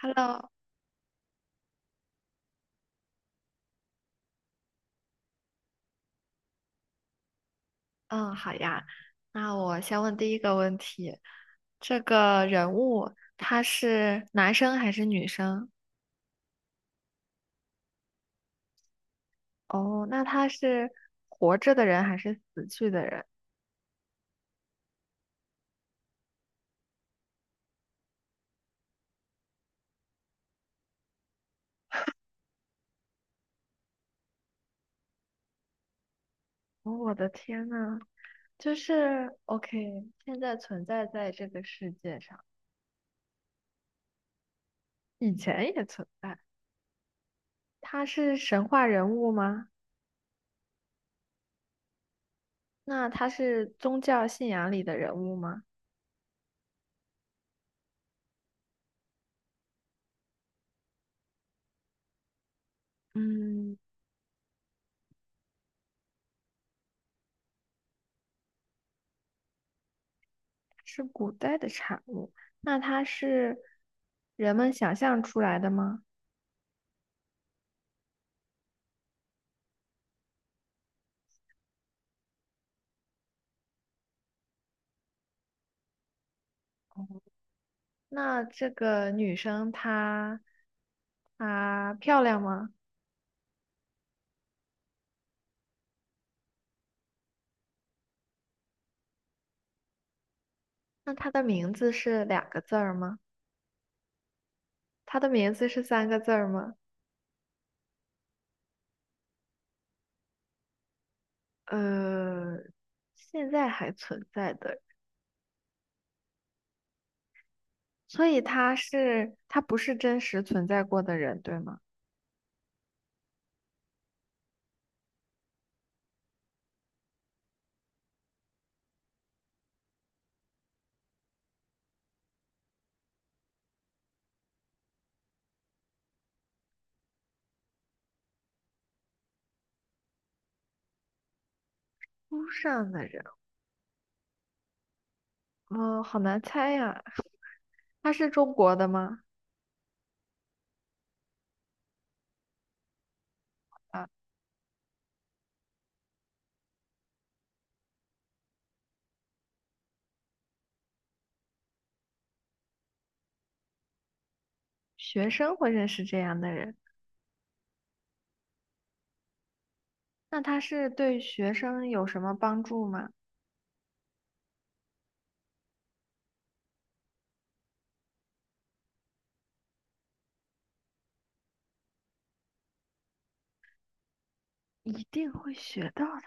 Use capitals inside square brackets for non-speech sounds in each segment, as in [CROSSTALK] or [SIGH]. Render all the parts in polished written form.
Hello，嗯，好呀。那我先问第一个问题，这个人物他是男生还是女生？哦，那他是活着的人还是死去的人？哦，我的天呐，就是 OK,现在存在在这个世界上，以前也存在。他是神话人物吗？那他是宗教信仰里的人物吗？嗯，是古代的产物，那它是人们想象出来的吗？那这个女生她漂亮吗？那她的名字是两个字儿吗？她的名字是三个字儿吗？呃，现在还存在的，所以她不是真实存在过的人，对吗？书上的人，哦，好难猜呀。她是中国的吗？啊，学生会认识这样的人。那它是对学生有什么帮助吗？一定会学到的。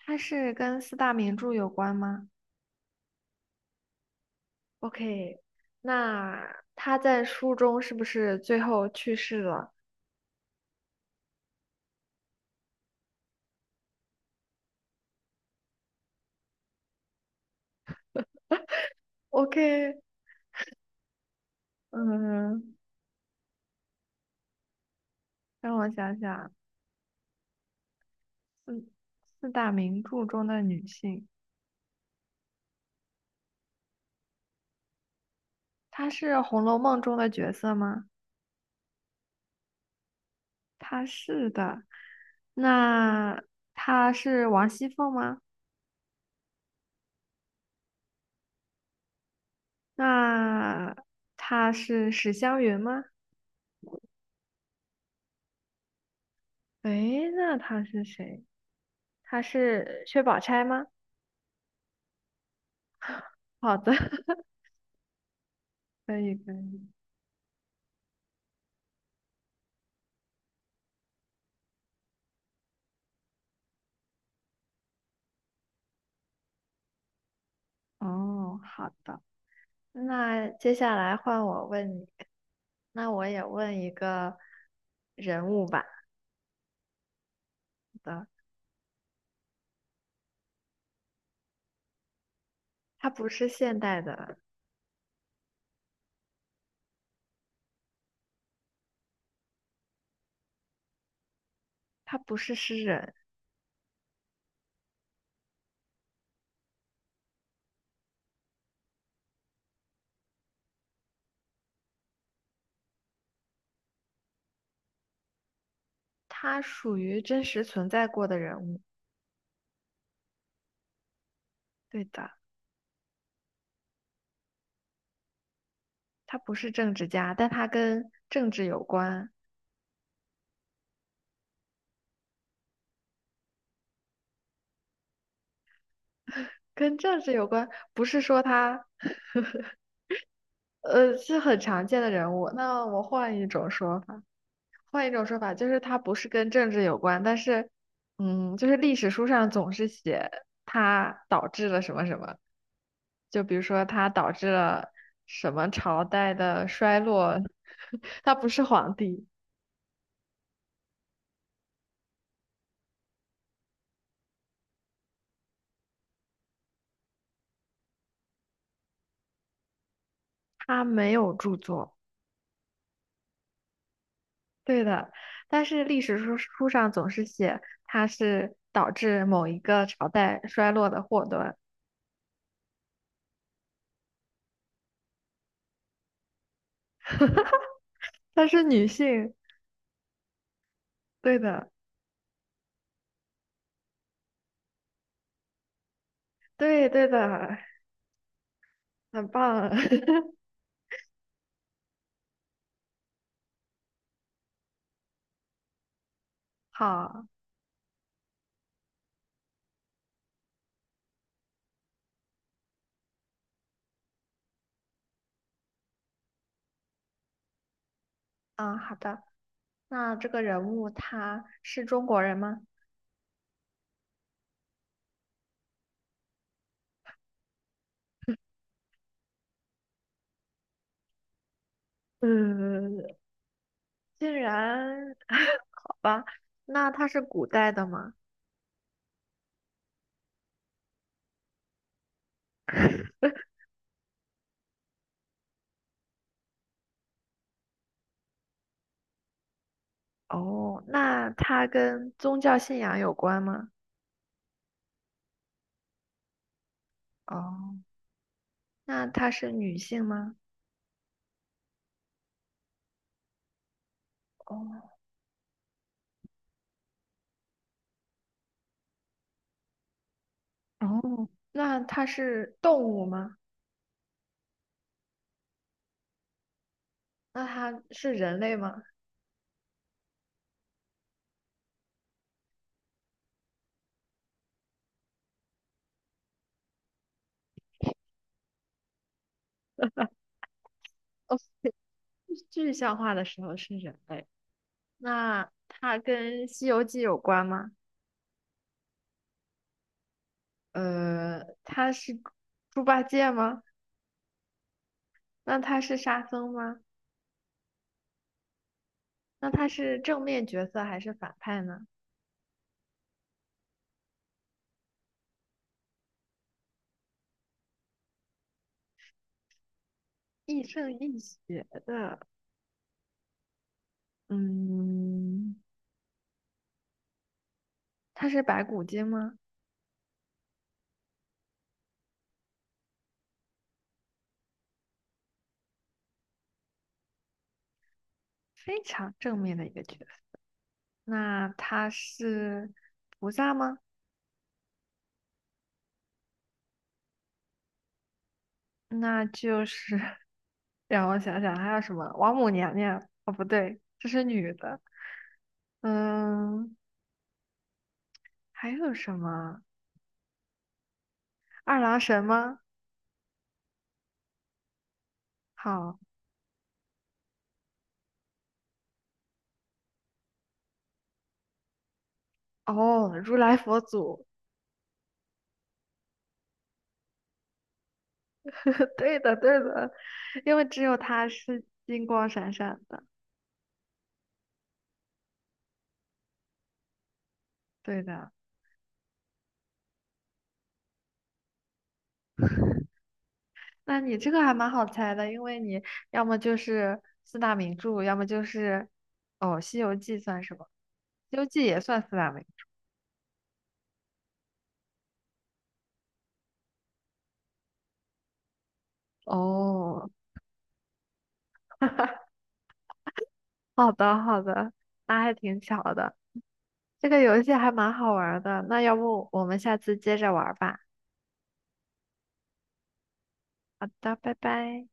它是跟四大名著有关吗？OK,那他在书中是不是最后去世了？OK,嗯，让我想想啊，嗯，四大名著中的女性，她是《红楼梦》中的角色吗？她是的。那她是王熙凤吗？那她是史湘云吗？诶，那他是谁？他是薛宝钗吗？好的，[LAUGHS] 可以可以。哦，好的。那接下来换我问你，那我也问一个人物吧。好的，他不是现代的，他不是诗人，他属于真实存在过的人物。对的，他不是政治家，但他跟政治有关，跟政治有关，不是说他，是很常见的人物。那我换一种说法。换一种说法，就是它不是跟政治有关，但是，嗯，就是历史书上总是写它导致了什么什么，就比如说它导致了什么朝代的衰落，[LAUGHS] 他不是皇帝，他没有著作，对的，但是历史书上总是写它是导致某一个朝代衰落的祸端，[LAUGHS] 她是女性，对的，对对的，很棒，[LAUGHS] 好，嗯，好的。那这个人物他是中国人吗？嗯，竟然，[LAUGHS] 好吧，那他是古代的吗？哦，那他跟宗教信仰有关吗？哦，那他是女性吗？哦，哦，那他是动物吗？那他是人类吗？哦，具象化的时候是人类。那他跟《西游记》有关吗？他是猪八戒吗？那他是沙僧吗？那他是正面角色还是反派呢？亦正亦邪的，嗯，他是白骨精吗？非常正面的一个角色。那他是菩萨吗？那就是 [LAUGHS] 让我想想，还有什么？王母娘娘？哦，不对，这是女的。嗯，还有什么？二郎神吗？好，哦，如来佛祖。[LAUGHS] 对的，对的，因为只有他是金光闪闪的。对的，那你这个还蛮好猜的，因为你要么就是四大名著，要么就是哦，《西游记》算什么？《西游记》也算四大名著。哦，[LAUGHS] 好的好的，那还挺巧的。这个游戏还蛮好玩儿的，那要不我们下次接着玩儿吧？好的，拜拜。